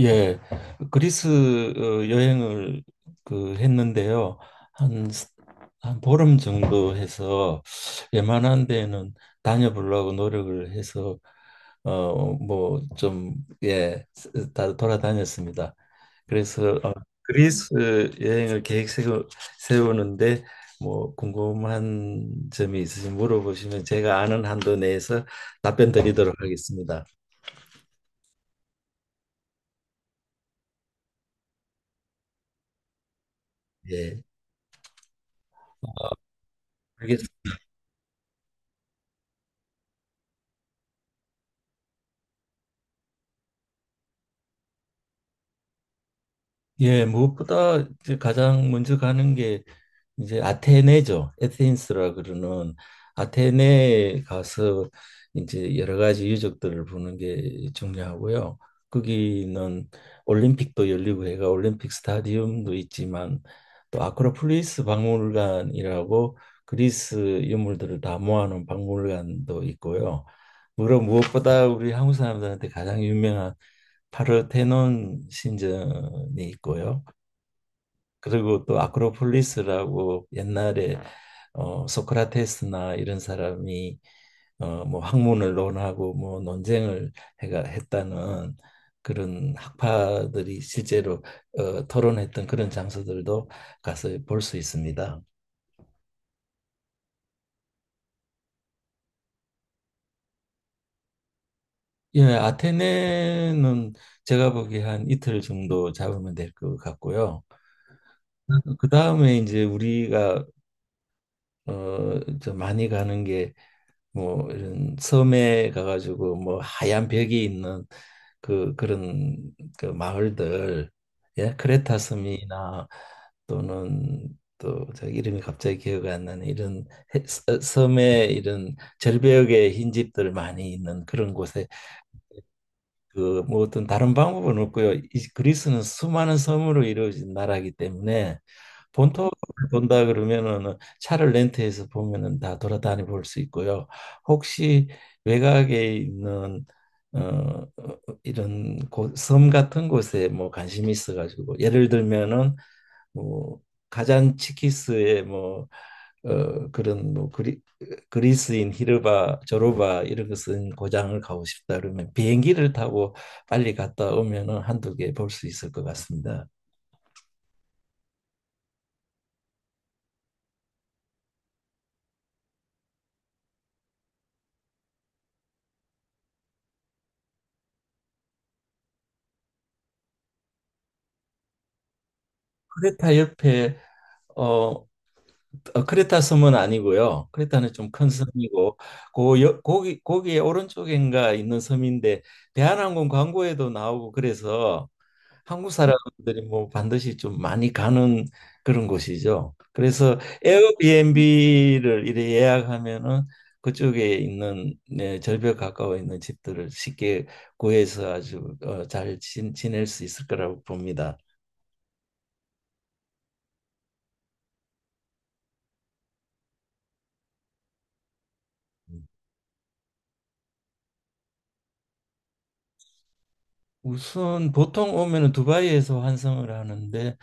예, 그리스 여행을 했는데요. 한, 스- 한 보름 정도 해서 웬만한 데는 다녀보려고 노력을 해서 어, 뭐 좀, 예, 다 돌아다녔습니다. 그래서 그리스 세우는데 뭐 궁금한 점이 있으시면 물어보시면 제가 아는 한도 내에서 답변 드리도록 하겠습니다. 예. 그게 예, 무엇보다 이제 가장 먼저 가는 게 이제 아테네죠. 에테인스라 그러는 아테네에 가서 이제 여러 가지 유적들을 보는 게 중요하고요. 거기는 올림픽도 열리고 해가 올림픽 스타디움도 있지만 또 아크로폴리스 박물관이라고 그리스 유물들을 다 모아놓은 박물관도 있고요. 물론 무엇보다 우리 한국 사람들한테 가장 유명한 파르테논 신전이 있고요. 그리고 또 아크로폴리스라고 옛날에 소크라테스나 이런 사람이 학문을 논하고 뭐 논쟁을 해가 했다는 그런 학파들이 실제로 토론했던 그런 장소들도 가서 볼 수 있습니다. 예, 아테네는 제가 보기에 한 이틀 정도 잡으면 될 것 같고요. 그 다음에 이제 우리가 많이 가는 게 뭐 이런 섬에 가가지고 뭐 하얀 벽이 있는 그 그런 그 마을들, 예, 크레타 섬이나 또는 또 저 이름이 갑자기 기억이 안 나는 이런 섬의 이런 절벽에 흰 집들 많이 있는 그런 곳에, 그 뭐 어떤 다른 방법은 없고요. 이 그리스는 수많은 섬으로 이루어진 나라이기 때문에 본토를 본다 그러면은 차를 렌트해서 보면은 다 돌아다니 볼 수 있고요. 혹시 외곽에 있는 어 이런 곳, 섬 같은 곳에 뭐 관심이 있어가지고 예를 들면은 뭐 가잔치키스의 어, 그런 뭐 그리, 그리스인 히르바 조르바 이런 것은 고장을 가고 싶다 그러면 비행기를 타고 빨리 갔다 오면은 한두 개 볼 수 있을 것 같습니다. 크레타 옆에, 어 크레타 섬은 아니고요. 크레타는 좀 큰, 음, 섬이고 고 여- 거기 거기에 오른쪽인가 있는 섬인데 대한항공 광고에도 나오고 그래서 한국, 음, 사람들이 뭐 반드시 좀 많이 가는 그런 곳이죠. 그래서 에어비앤비를 이래 예약하면은 그쪽에 있는, 네, 절벽 가까워 있는 집들을 쉽게 구해서 아주 잘 지낼 수 있을 거라고 봅니다. 우선 보통 오면은 두바이에서 환승을 하는데,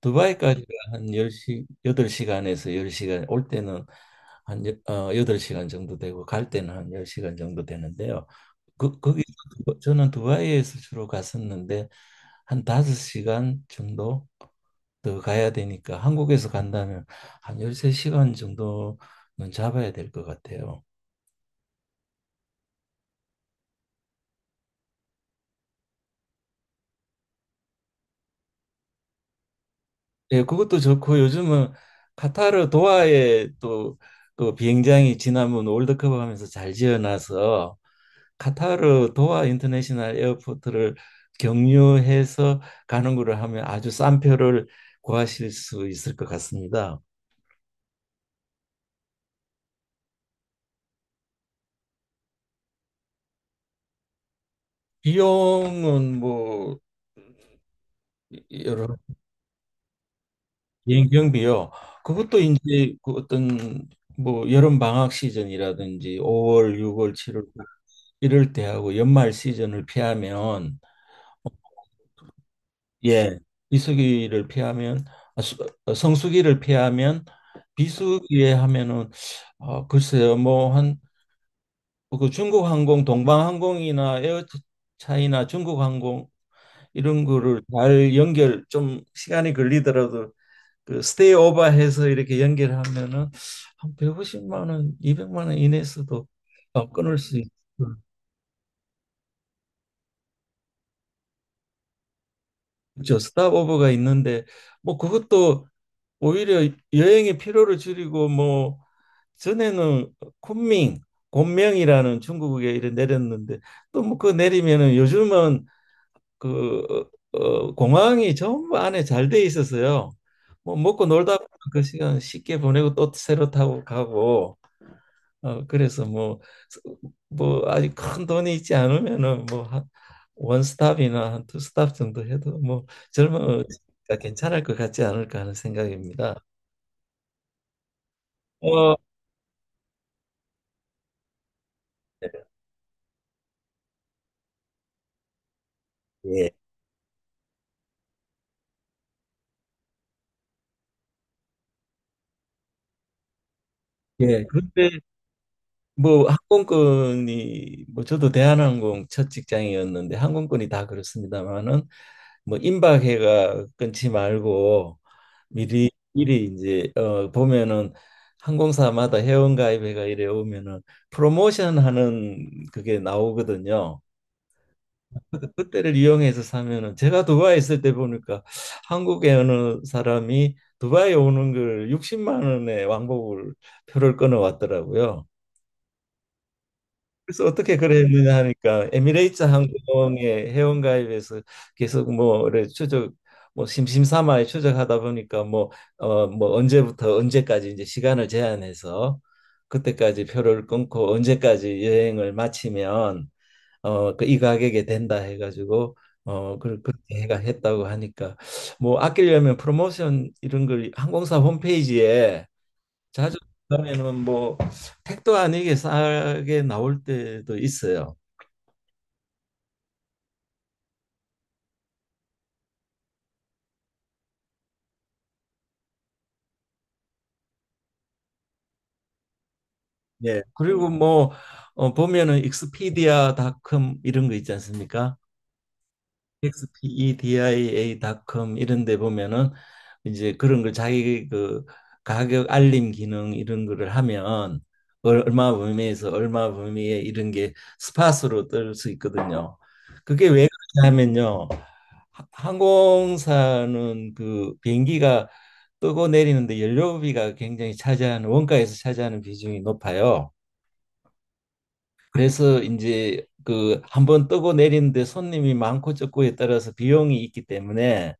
두바이까지가 한 열시 여 8시간에서 10시간, 올 때는 8시간 정도 되고 갈 때는 한 10시간 정도 되는데요. 그, 거기 저는 두바이에서 주로 갔었는데 한 5시간 정도 더 가야 되니까 한국에서 간다면 한 13시간 정도는 잡아야 될 것 같아요. 예, 그것도 좋고 요즘은 카타르 도하에, 또 그 비행장이 지난번 월드컵 하면서 잘 지어놔서 카타르 도하 인터내셔널 에어포트를 경유해서 가는 거를 하면 아주 싼 표를 구하실 수 있을 것 같습니다. 비용은 뭐 여러 비행 경비요. 그것도 이제 그 어떤 뭐 여름 방학 시즌이라든지 5월, 6월, 7월 이럴 때 하고 연말 시즌을 피하면, 예, 비수기를 피하면 아, 수- 어, 성수기를 피하면 비수기에 하면은, 글쎄요, 그 중국항공, 동방항공이나 에어차이나 중국항공 이런 거를 잘 연결 좀 시간이 걸리더라도 그 스테이 오버해서 이렇게 연결하면은 한 150만 원, 200만 원 이내에서도 끊을 수 있죠. 그렇죠. 스탑 오버가 있는데 뭐 그것도 오히려 여행의 피로를 줄이고 뭐, 전에는 쿤밍, 곤명이라는 중국에 이래 내렸는데 또 뭐 그 내리면은 요즘은 그 공항이 전부 안에 잘 돼 있어서요. 뭐 먹고 놀다 보면 그 시간 쉽게 보내고 또 새로 타고 가고, 어, 그래서 뭐 뭐 아직 큰 돈이 있지 않으면은 뭐한 스탑이나 한 두 스탑 정도 해도 뭐 젊으니까 괜찮을 것 같지 않을까 하는 생각입니다. 어, 예. 예. 근데 뭐 항공권이, 뭐 저도 대한항공 첫 직장이었는데 항공권이 다 그렇습니다만은 뭐 임박해가 끊지 말고 미리 미리 이제 보면은 항공사마다 회원가입회가 이래 오면은 프로모션 하는 그게 나오거든요. 그때를 이용해서 사면은, 제가 두바이 있을 때 보니까 한국에 어느 사람이 두바이 오는 걸 60만 원에 왕복을 표를 끊어 왔더라고요. 그래서 어떻게 그랬느냐 하니까 에미레이트 항공의 회원가입에서 계속 뭐래 추적 뭐 심심삼아 추적하다 보니까 뭐 언제부터 언제까지 이제 시간을 제한해서 그때까지 표를 끊고 언제까지 여행을 마치면 그 이 가격에 된다 해가지고 그렇게 해가 했다고 하니까 뭐 아끼려면 프로모션 이런 걸 항공사 홈페이지에 자주, 그다는뭐 택도 아니게 싸게 나올 때도 있어요. 예. 그리고 뭐 보면은 익스피디아닷컴 이런 거 있지 않습니까? xpedia.com 이런 데 보면은 이제 그런 걸 자기 그 가격 알림 기능 이런 거를 하면 얼마 범위에서 얼마 범위에 이런 게 스팟으로 뜰 수 있거든요. 그게 왜 그러냐면요. 항공사는 그 비행기가 뜨고 내리는데 연료비가 굉장히 차지하는, 원가에서 차지하는 비중이 높아요. 그래서 이제 그 한번 뜨고 내리는데 손님이 많고 적고에 따라서 비용이 있기 때문에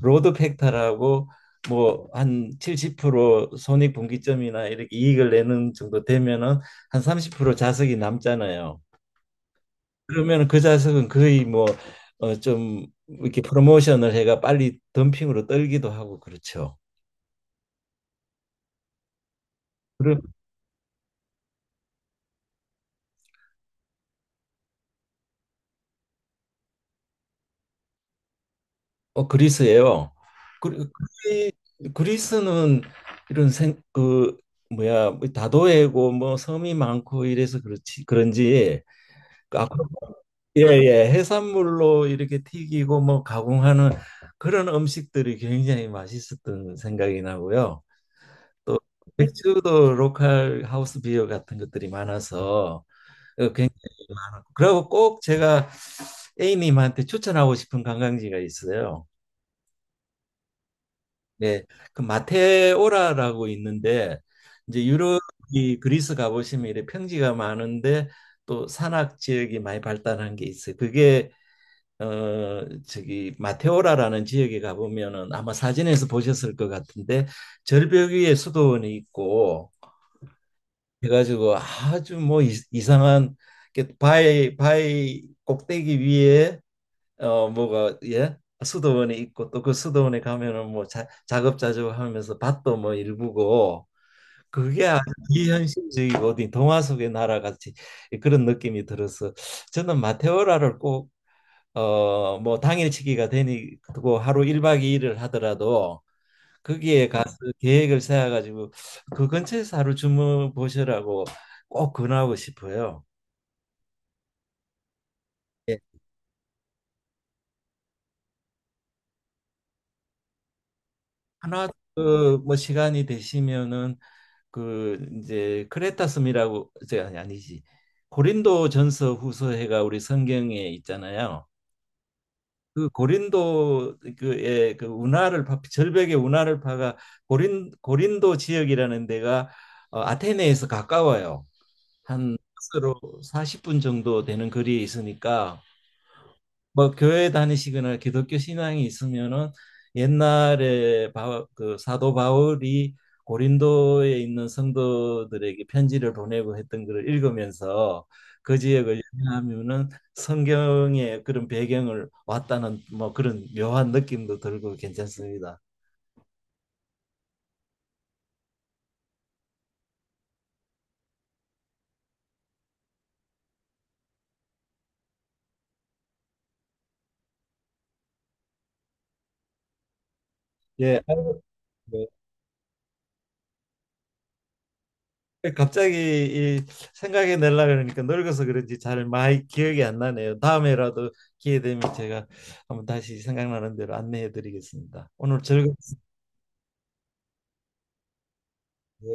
로드 팩터라고 뭐 한 70% 손익 분기점이나 이렇게 이익을 내는 정도 되면은 한 30% 자석이 남잖아요. 그러면 그 자석은 거의 뭐 좀 이렇게 프로모션을 해가 빨리 덤핑으로 떨기도 하고 그렇죠. 그리, 그리스예요. 그리, 그리- 그리스는 이런 생, 그 뭐야 뭐 다도해고 뭐 섬이 많고 이래서 그렇지 그런지, 아, 예, 예, 해산물로 이렇게 튀기고 뭐 가공하는 그런 음식들이 굉장히 맛있었던 생각이 나고요. 또 맥주도 로컬 하우스 비어 같은 것들이 많아서 어, 굉- 그리고 꼭 제가 A님한테 추천하고 싶은 관광지가 있어요. 네, 그 마테오라라고 있는데 이제 유럽이 그리스 가보시면 이렇 평지가 많은데 또 산악 지역이 많이 발달한 게 있어요. 그게 저기 마테오라라는 지역에 가보면은 아마 사진에서 보셨을 것 같은데 절벽 위에 수도원이 있고 해가지고 아주 이상한 게 바위 꼭대기 위에 어 뭐가 예 수도원이 있고, 또 그 수도원에 가면은 뭐 작업자족하면서 밭도 뭐 일구고, 그게 아주 비현실적이고 어디 동화 속의 나라 같이 그런 느낌이 들어서 저는 마테오라를 꼭, 당일치기가 되고 하루 1박 2일을 하더라도 거기에 가서, 음, 계획을 세워 가지고 그 근처에서 하루 주무 보시라고 꼭 권하고 싶어요. 예. 하나 그뭐 시간이 되시면은 그 이제 크레타 섬이라고 이제 아니 아니지 고린도 전서 후서해가 우리 성경에 있잖아요. 그 고린도 그의 그 운하를 파, 절벽의 운하를 파가 고린도 지역이라는 데가, 아테네에서 가까워요. 한 버스로 40분 정도 되는 거리에 있으니까 뭐 교회 다니시거나 기독교 신앙이 있으면은 옛날에 그 사도 바울이 고린도에 있는 성도들에게 편지를 보내고 했던 것을 읽으면서 그 지역을 여행하면은 성경의 그런 배경을 왔다는 뭐 그런 묘한 느낌도 들고 괜찮습니다. 예, 아이고, 네. 갑자기 이 생각이 날라 그러니까 늙어서 그런지 잘 많이 기억이 안 나네요. 다음에라도 기회 되면 제가 한번 다시 생각나는 대로 안내해 드리겠습니다. 오늘 즐거웠습니다.